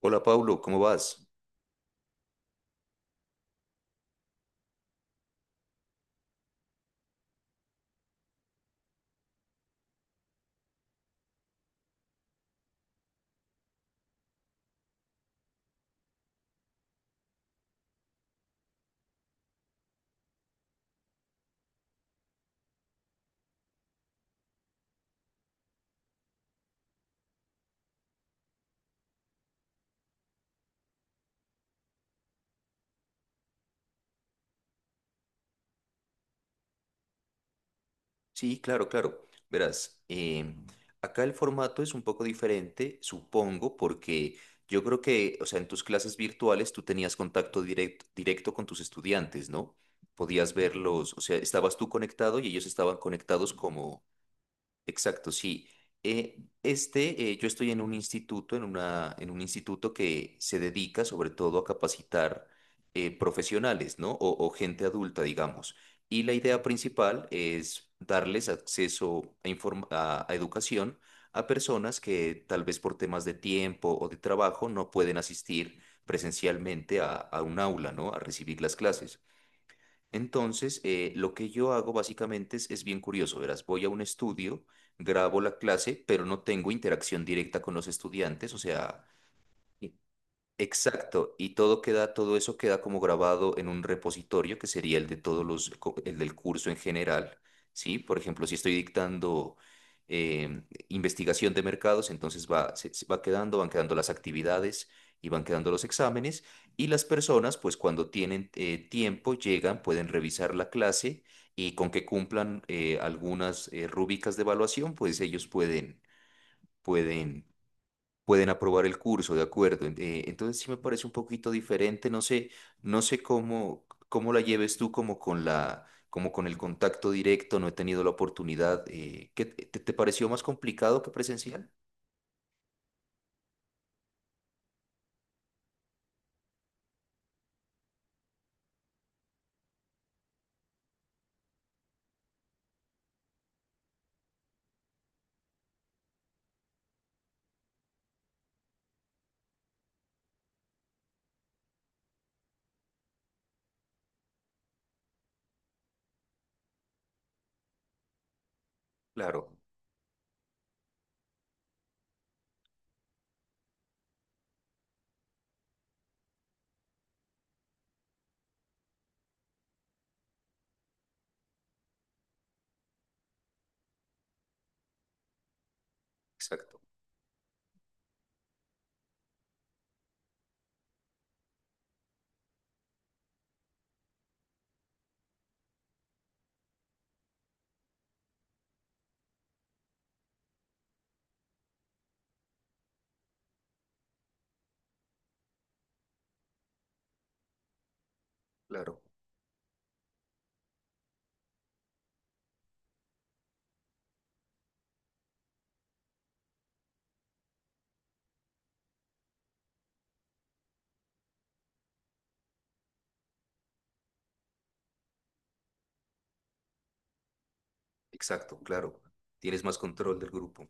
Hola Pablo, ¿cómo vas? Sí, claro, claro. Verás, acá el formato es un poco diferente, supongo, porque yo creo que, o sea, en tus clases virtuales tú tenías contacto directo con tus estudiantes, ¿no? Podías verlos, o sea, estabas tú conectado y ellos estaban conectados como, Exacto, sí. Yo estoy en un instituto, en un instituto que se dedica sobre todo a capacitar profesionales, ¿no? O gente adulta, digamos. Y la idea principal es darles acceso a, a educación a personas que tal vez por temas de tiempo o de trabajo no pueden asistir presencialmente a un aula, ¿no? A recibir las clases. Entonces, lo que yo hago básicamente es bien curioso, verás, voy a un estudio, grabo la clase, pero no tengo interacción directa con los estudiantes, o sea, i- Exacto, y todo queda, todo eso queda como grabado en un repositorio que sería el de todos el del curso en general, ¿sí? Por ejemplo, si estoy dictando investigación de mercados, entonces se, se va quedando, van quedando las actividades y van quedando los exámenes, y las personas, pues cuando tienen tiempo, llegan, pueden revisar la clase y con que cumplan algunas rúbricas de evaluación, pues ellos pueden pueden aprobar el curso, de acuerdo. Entonces sí me parece un poquito diferente, no sé, no sé cómo, cómo la lleves tú como con la, como con el contacto directo, no he tenido la oportunidad. ¿Qué te, te pareció más complicado que presencial? Claro, exacto, claro, exacto, claro. Tienes más control del grupo.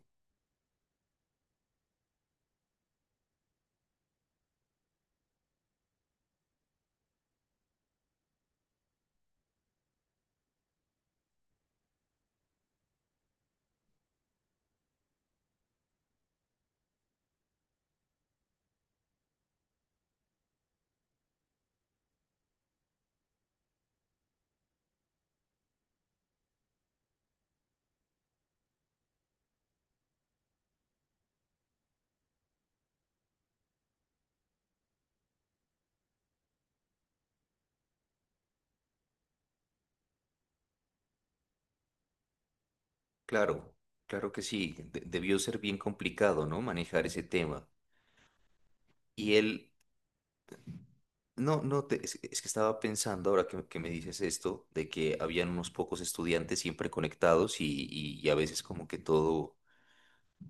Claro, claro que sí. Debió ser bien complicado, ¿no? Manejar ese tema. Y él, No, no, es que estaba pensando ahora que me dices esto, de que habían unos pocos estudiantes siempre conectados y, y a veces como que todo,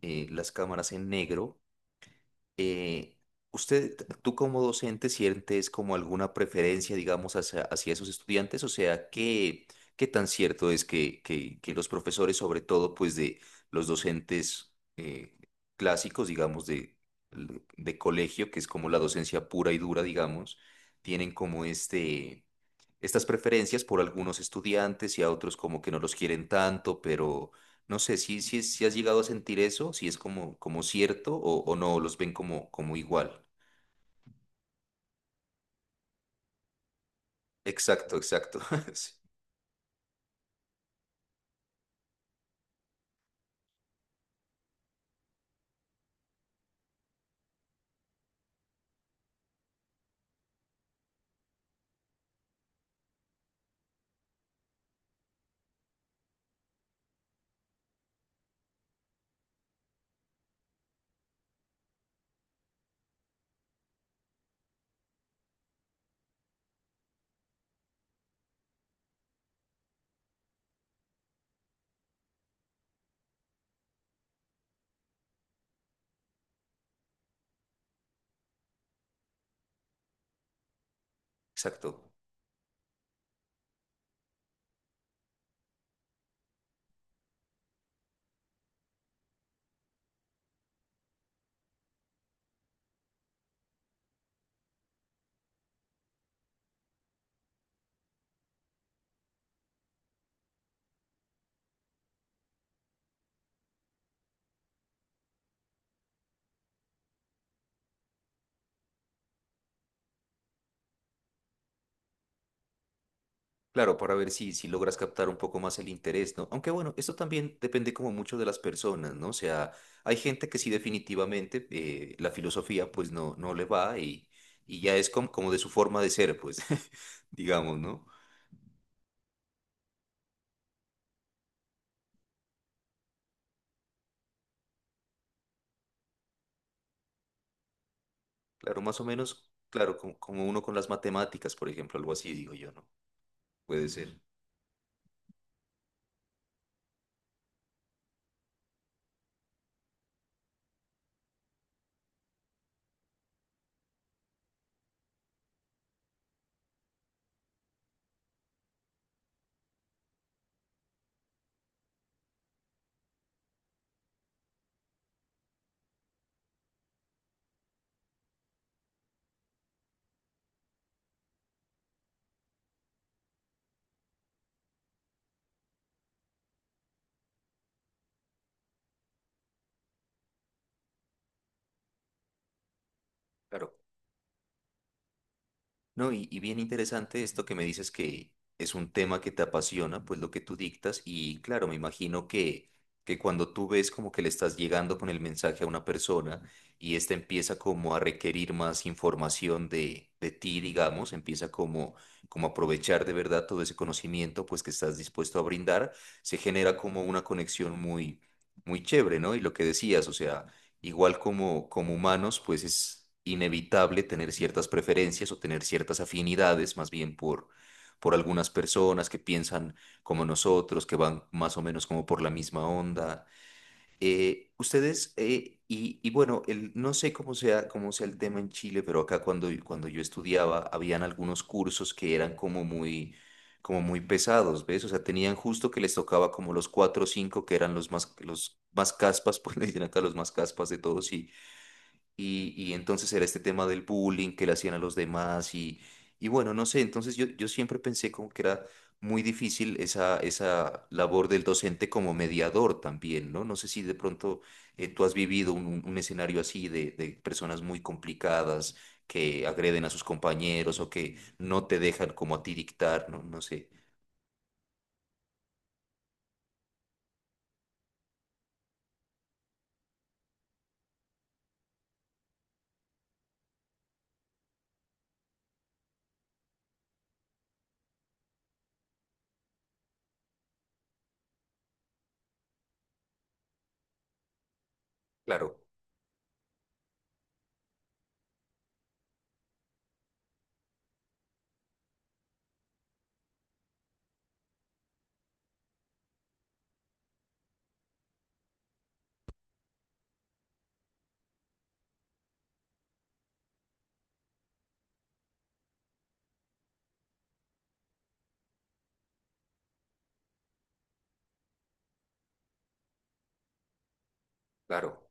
las cámaras en negro eh, ¿usted, tú como docente, sientes como alguna preferencia, digamos, hacia, hacia esos estudiantes? O sea, ¿qué, qué tan cierto es que los profesores, sobre todo, pues de los docentes clásicos, digamos, de colegio, que es como la docencia pura y dura, digamos, tienen como este... Estas preferencias por algunos estudiantes y a otros como que no los quieren tanto, pero no sé si has llegado a sentir eso, si es como, como cierto o no, los ven como, como igual. Exacto, exacto. Sí, exacto. Claro, para ver si, si logras captar un poco más el interés, ¿no? Aunque bueno, esto también depende como mucho de las personas, ¿no? O sea, hay gente que sí definitivamente la filosofía pues no, no le va y ya es como, como de su forma de ser, pues, digamos, ¿no? Claro, más o menos, claro, como, como uno con las matemáticas, por ejemplo, algo así, digo yo, ¿no? Puede ser. Claro. No, y bien interesante esto que me dices que es un tema que te apasiona, pues lo que tú dictas, y claro, me imagino que cuando tú ves como que le estás llegando con el mensaje a una persona y esta empieza como a requerir más información de ti, digamos, empieza como, como a aprovechar de verdad todo ese conocimiento pues que estás dispuesto a brindar, se genera como una conexión muy, muy chévere, ¿no? Y lo que decías, o sea... Igual como, como humanos, pues es inevitable tener ciertas preferencias o tener ciertas afinidades, más bien por algunas personas que piensan como nosotros, que van más o menos como por la misma onda. Y, y bueno, el, no sé cómo sea el tema en Chile, pero acá cuando, cuando yo estudiaba, habían algunos cursos que eran como muy pesados, ¿ves? O sea, tenían justo que les tocaba como los cuatro o cinco que eran los más caspas, pues le dicen acá los más caspas de todos, y, y entonces era este tema del bullying que le hacían a los demás y bueno, no sé, entonces yo siempre pensé como que era muy difícil esa, esa labor del docente como mediador también, ¿no? No sé si de pronto tú has vivido un, un escenario así de personas muy complicadas que agreden a sus compañeros o que no te dejan como a ti dictar, ¿no? No sé. Claro, claro,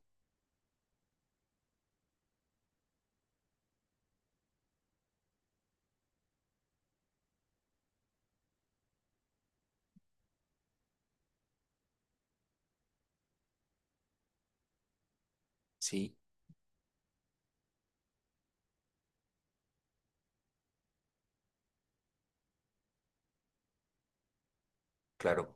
sí, claro.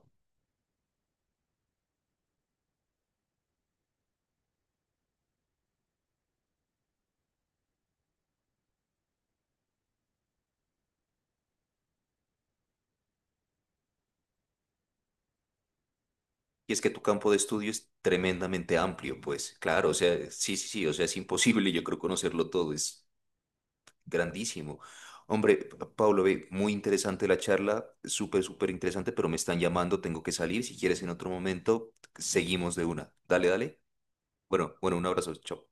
Y es que tu campo de estudio es tremendamente amplio, pues, claro, o sea, sí, sí, sí, o sea, es imposible, yo creo, conocerlo todo, es grandísimo. Hombre, Pablo, ve, muy interesante la charla, súper, súper interesante, pero me están llamando, tengo que salir, si quieres en otro momento, seguimos de una. Dale, dale. Bueno, bueno, un abrazo, chao.